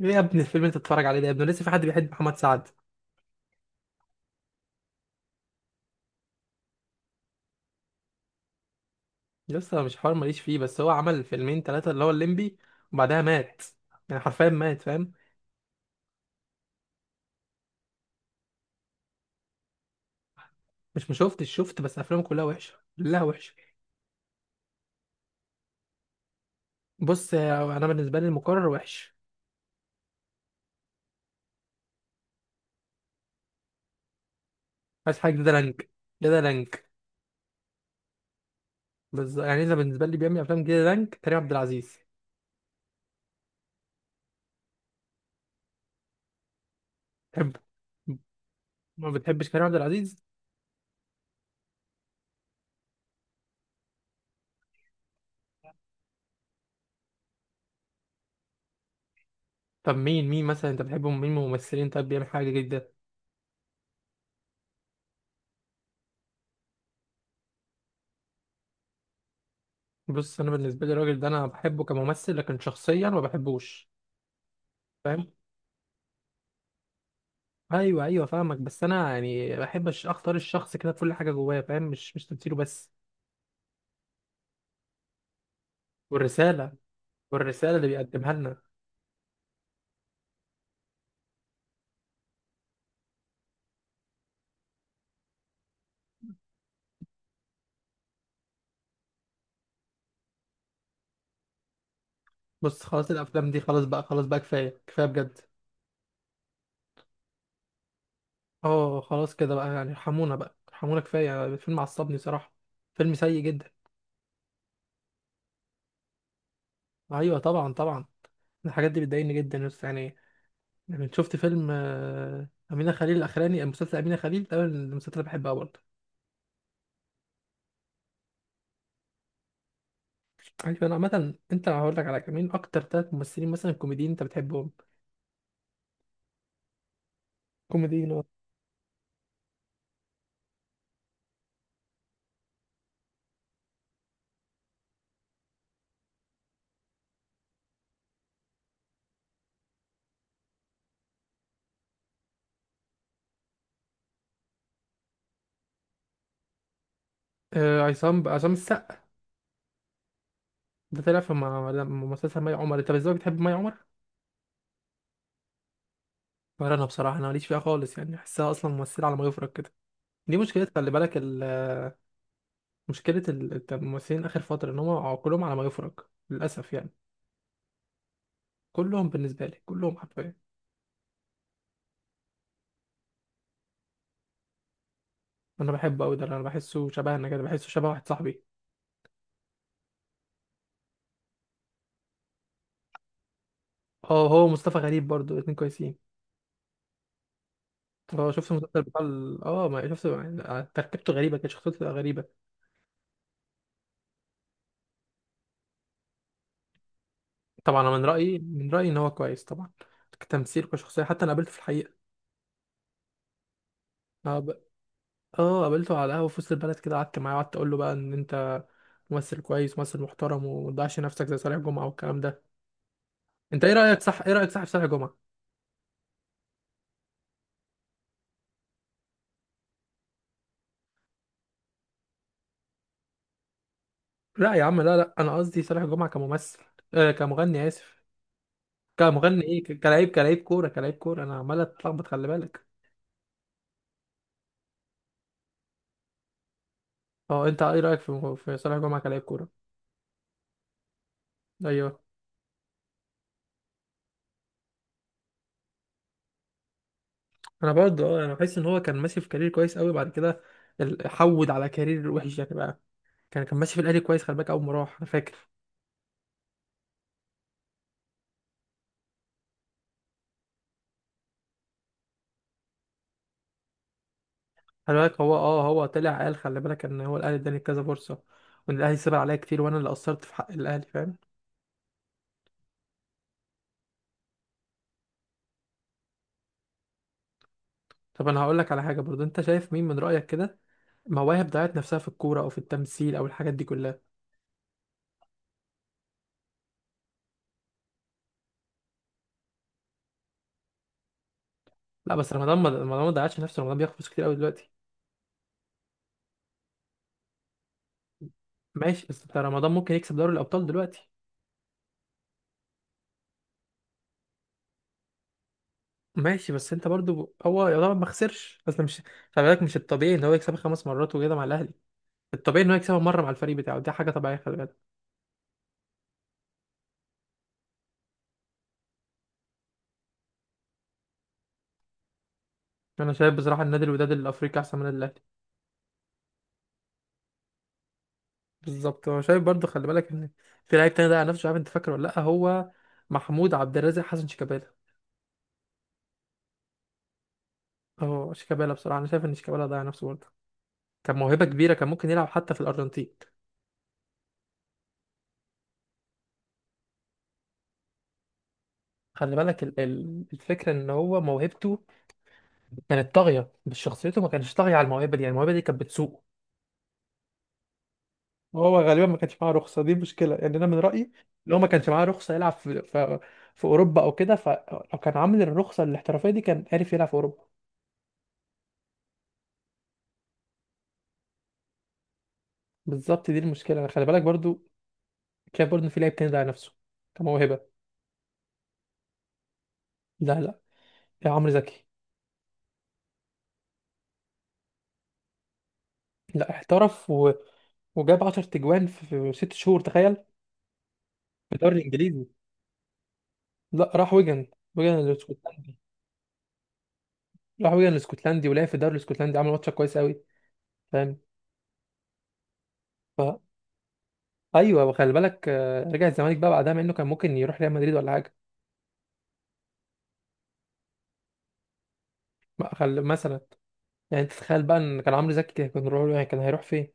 ايه يا ابني الفيلم اللي انت بتتفرج عليه ده يا ابني؟ لسه في حد بيحب محمد سعد؟ لسه مش حوار، ماليش فيه، بس هو عمل فيلمين ثلاثة اللي هو الليمبي وبعدها مات، يعني حرفيا مات، فاهم؟ مش مشوفتش، شفت، بس افلامه كلها وحشة، كلها وحشة. بص انا بالنسبة لي المقرر وحش. عايز حاجة جديدة لانج. جديدة لانج. بس يعني اذا بالنسبة لي بيعمل افلام جديدة لانج كريم عبد العزيز. بحبه. ما بتحبش كريم عبد العزيز؟ طب مين مثلا انت بتحبه؟ مين من الممثلين طب بيعمل حاجة جديدة؟ بص انا بالنسبة لي الراجل ده انا بحبه كممثل لكن شخصيا ما بحبوش، فاهم؟ ايوه ايوه، فاهمك، بس انا يعني بحب اختار الشخص كده بكل حاجه جواه، فاهم؟ مش تمثيله بس. والرساله. والرساله اللي بيقدمها لنا. بص خلاص، الافلام دي خلاص بقى، خلاص بقى، كفايه كفايه بجد. اه خلاص كده بقى، يعني ارحمونا بقى، ارحمونا، كفايه يعني. الفيلم عصبني صراحه، فيلم سيء جدا. ايوه طبعا طبعا، الحاجات دي بتضايقني جدا يا أسطى. يعني، يعني شفت فيلم أمينة خليل الأخراني، مسلسل أمينة خليل ده من المسلسلات اللي بحبها برضه. أيوة، أنا عامة أنت هقول لك على كمين، أكتر 3 ممثلين مثلا كوميديين أنت بتحبهم. كوميديين. عصام السقا، ده طلع في مسلسل مي عمر، انت ازاي بتحب مي عمر؟ ولا انا بصراحه، انا ماليش فيها خالص، يعني احسها اصلا ممثله على ما يفرج كده. دي مشكله، خلي بالك مشكله الممثلين اخر فتره ان هم كلهم على ما يفرج، للاسف يعني. كلهم بالنسبه لي، كلهم حرفيا. انا بحبه قوي ده، انا بحسه شبهنا كده، بحسه شبه واحد صاحبي. اه، هو مصطفى غريب برضو، الاتنين كويسين. اه شفت المسلسل بتاع ما شفت يعني، تركيبته غريبه، كانت شخصيته غريبه. طبعا انا من رايي ان هو كويس طبعا، كتمثيل كشخصيه، حتى انا قابلته في الحقيقه. اه ب- اه قابلته على القهوة في وسط البلد كده، قعدت معاه وقعدت اقول له بقى ان انت ممثل كويس، ممثل محترم، وما تضيعش نفسك زي صالح جمعة والكلام ده. انت ايه رأيك صح في صالح جمعة؟ لا يا عم لا لا، انا قصدي صالح جمعة كممثل. آه كمغني، اسف، كمغني ايه، كلاعب، كلاعب كورة، كلاعب كورة، انا عمال اتلخبط خلي بالك. اه انت ايه رأيك في صالح جمعة كلاعب كورة؟ ايوه. انا برضه اه، انا بحس ان هو كان ماشي في كارير كويس قوي بعد كده حود على كارير وحش يعني بقى. كان ماشي في الاهلي كويس، خلي بالك، اول ما راح انا فاكر. خلي بالك هو اه، هو طلع قال خلي بالك ان هو الاهلي اداني كذا فرصه، وان الاهلي سيب عليا كتير، وانا اللي قصرت في حق الاهلي، فاهم؟ طب انا هقول لك على حاجه برضو، انت شايف مين من رايك كده مواهب ضيعت نفسها في الكوره او في التمثيل او الحاجات دي كلها؟ لا بس رمضان، ما رمضان ما ضيعش نفسه، رمضان بياخد فلوس كتير قوي دلوقتي. ماشي بس انت، رمضان ممكن يكسب دوري الابطال دلوقتي. ماشي بس انت برضو، هو يعتبر ما خسرش اصل، مش خلي بالك، مش الطبيعي ان هو يكسبها 5 مرات وكده مع الاهلي، الطبيعي ان هو يكسبها مره مع الفريق بتاعه، دي حاجه طبيعيه خلي بالك. انا شايف بصراحه النادي الوداد الافريقي احسن من النادي الاهلي. بالظبط، هو شايف برضه، خلي بالك ان في لعيب تاني ضيع نفسه، مش عارف انت فاكره ولا لا، هو محمود عبد الرازق حسن شيكابالا. اه شيكابالا، بصراحه انا شايف ان شيكابالا ضيع نفسه برضه، كان موهبه كبيره، كان ممكن يلعب حتى في الارجنتين. خلي بالك الفكره ان هو موهبته كانت طاغيه، بس شخصيته ما كانش طاغيه على الموهبه دي، يعني الموهبه دي كانت بتسوقه. وهو غالبا ما كانش معاه رخصه، دي مشكله يعني، انا من رايي ان هو ما كانش معاه رخصه يلعب في اوروبا او كده. فلو كان عامل الرخصه الاحترافيه دي كان عارف يلعب في اوروبا. بالظبط دي المشكله، خلي بالك برضو. شايف برضه ان في لعيب تاني ضيع نفسه كموهبه. لا لا، يا عمرو زكي. لا احترف وجاب 10 تجوان في 6 شهور، تخيل، في الدوري الانجليزي. لا راح ويجن، ويجن الاسكتلندي. راح ويجن الاسكتلندي ولعب في الدوري الاسكتلندي، عمل ماتش كويس قوي، فاهم؟ ف ايوه، وخلي بالك رجع الزمالك بقى بعدها، مع انه كان ممكن يروح ريال مدريد ولا حاجه. ما خل... مثلا، يعني انت تتخيل بقى ان كان عمرو زكي كان روح، يعني كان هيروح فين؟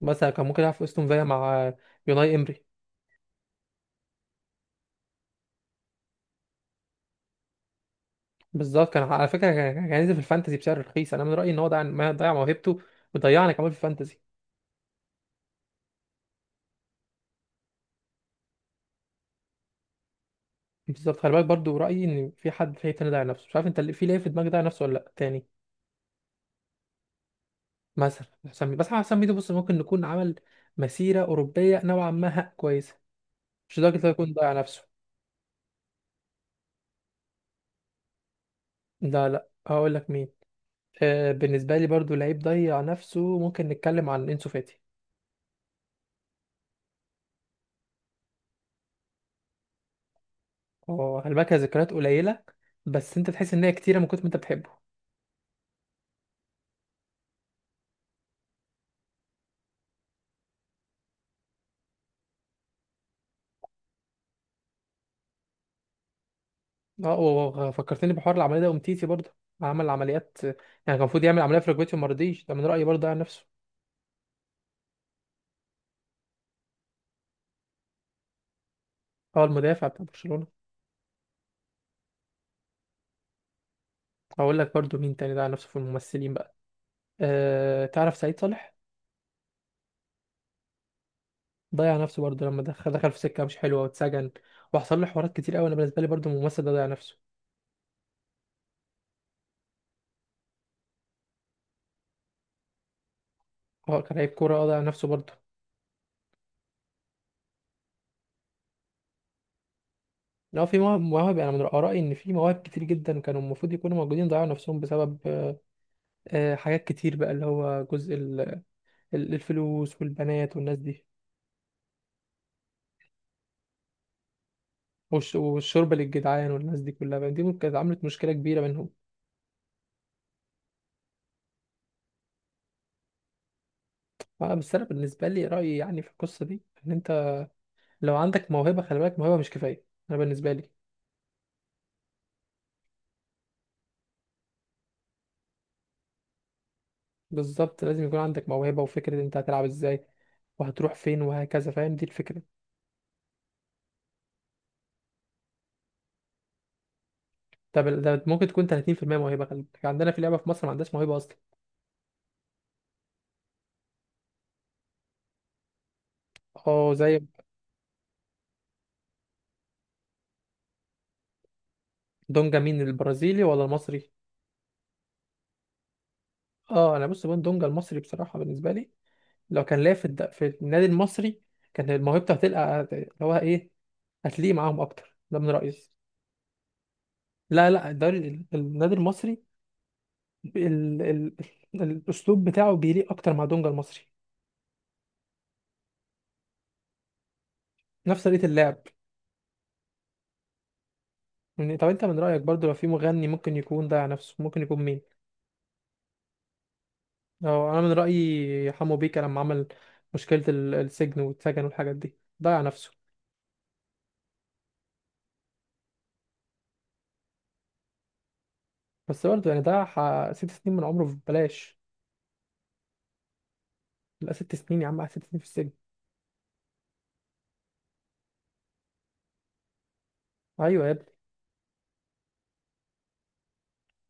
مثلا كان ممكن يلعب في استون فيا مع يوناي امري. بالظبط، كان على فكره كان هينزل في الفانتزي بسعر رخيص، انا من رايي ان هو ضيع، ما ضيع موهبته وضيعنا كمان في الفانتزي. بالظبط، خلي بالك برضو رايي ان في حد في تاني ضيع نفسه، مش عارف انت اللي في ليه في دماغك ضيع نفسه ولا لا تاني. مثلا حسام ميدو، بس حسام ميدو بص ممكن نكون عمل مسيره اوروبيه نوعا ما، ها كويسه، مش لدرجه إنه يكون ضيع نفسه. لا لا، هقول لك مين. آه، بالنسبه لي برضو لعيب ضيع نفسه، ممكن نتكلم عن انسو فاتي. هو خلي بالك هي ذكريات قليله، بس انت تحس ان هي كتيره من كتر ما انت بتحبه. اه، وفكرتني بحوار العمليه ده، ومتيتي برضه عمل عمليات يعني، كان المفروض يعمل عمليه في ركبته وما رضيش، ده من رايي برضه على نفسه. هو المدافع بتاع برشلونه. هقول لك برضه مين تاني ده على نفسه في الممثلين بقى. أه تعرف سعيد صالح؟ ضيع نفسه برضه، لما دخل في سكه مش حلوه واتسجن، وحصل له حوارات كتير قوي، انا بالنسبه لي برضه الممثل ده ضيع نفسه. هو كان لعيب كوره اه، ضيع نفسه برضه. لو في مواهب، مواهب، انا من رايي ان في مواهب كتير جدا كانوا المفروض يكونوا موجودين، ضيعوا نفسهم بسبب أه آه، حاجات كتير بقى، اللي هو جزء الفلوس والبنات والناس دي، والشوربه للجدعان والناس دي كلها، فاهم؟ دي ممكن كانت عملت مشكله كبيره بينهم. بس انا بالنسبه لي رايي يعني في القصه دي ان انت لو عندك موهبه، خلي بالك موهبه مش كفايه، انا بالنسبه لي. بالظبط، لازم يكون عندك موهبه وفكره انت هتلعب ازاي وهتروح فين وهكذا، فاهم؟ دي الفكره. طب ده ممكن تكون 30% موهبه، خلي بالك عندنا في لعبه في مصر ما عندهاش موهبه اصلا. اه زي دونجا، مين البرازيلي ولا المصري؟ اه انا بص، بون دونجا المصري بصراحه بالنسبه لي لو كان لعب في في النادي المصري كان موهبته هتلقى اللي هو ايه، هتليق معاهم اكتر، ده من رأيي. لا لا، الدوري النادي المصري، ال... ال... الاسلوب بتاعه بيليق اكتر مع دونجا المصري. نفس طريقة اللعب. يعني طب انت من رأيك برضو لو في مغني ممكن يكون ضيع نفسه ممكن يكون مين؟ أو انا من رأيي حمو بيكا، لما عمل مشكلة السجن والسجن والحاجات دي، ضيع نفسه. بس برضه يعني ضيع 6 سنين من عمره ببلاش. لا 6 سنين يا عم، قعد 6 سنين في السجن. ايوه يا ابني.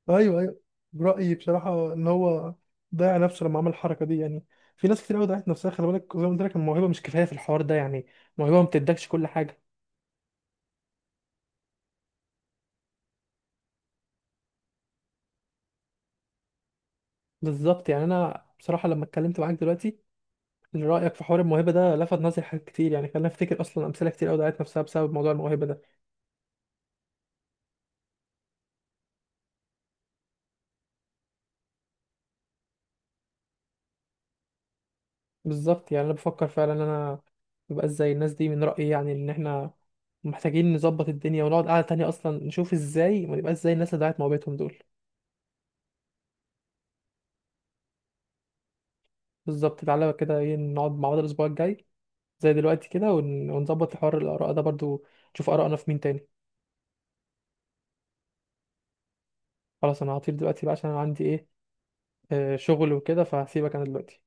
ايوه ايوه. رايي بصراحه ان هو ضيع نفسه لما عمل الحركه دي يعني. في ناس كتير قوي ضيعت نفسها، خلي بالك زي ما قلت لك الموهبه مش كفايه في الحوار ده، يعني الموهبه ما بتدكش كل حاجه. بالظبط يعني، انا بصراحه لما اتكلمت معاك دلوقتي إن رايك في حوار الموهبه ده لفت نظري حاجات كتير، يعني خلاني افتكر اصلا امثله كتير قوي ضيعت نفسها بسبب موضوع الموهبه ده. بالظبط يعني انا بفكر فعلا ان انا مبقاش زي الناس دي من رايي، يعني ان احنا محتاجين نظبط الدنيا ونقعد قعده تانية اصلا نشوف ازاي ما نبقاش زي الناس اللي ضيعت موهبتهم دول. بالظبط، تعالى كده ايه، نقعد مع بعض الاسبوع الجاي زي دلوقتي كده، ونظبط حوار الآراء ده برضو، نشوف آراءنا في مين تاني. خلاص أنا هطير دلوقتي بقى عشان أنا عندي إيه، شغل وكده، فهسيبك أنا دلوقتي.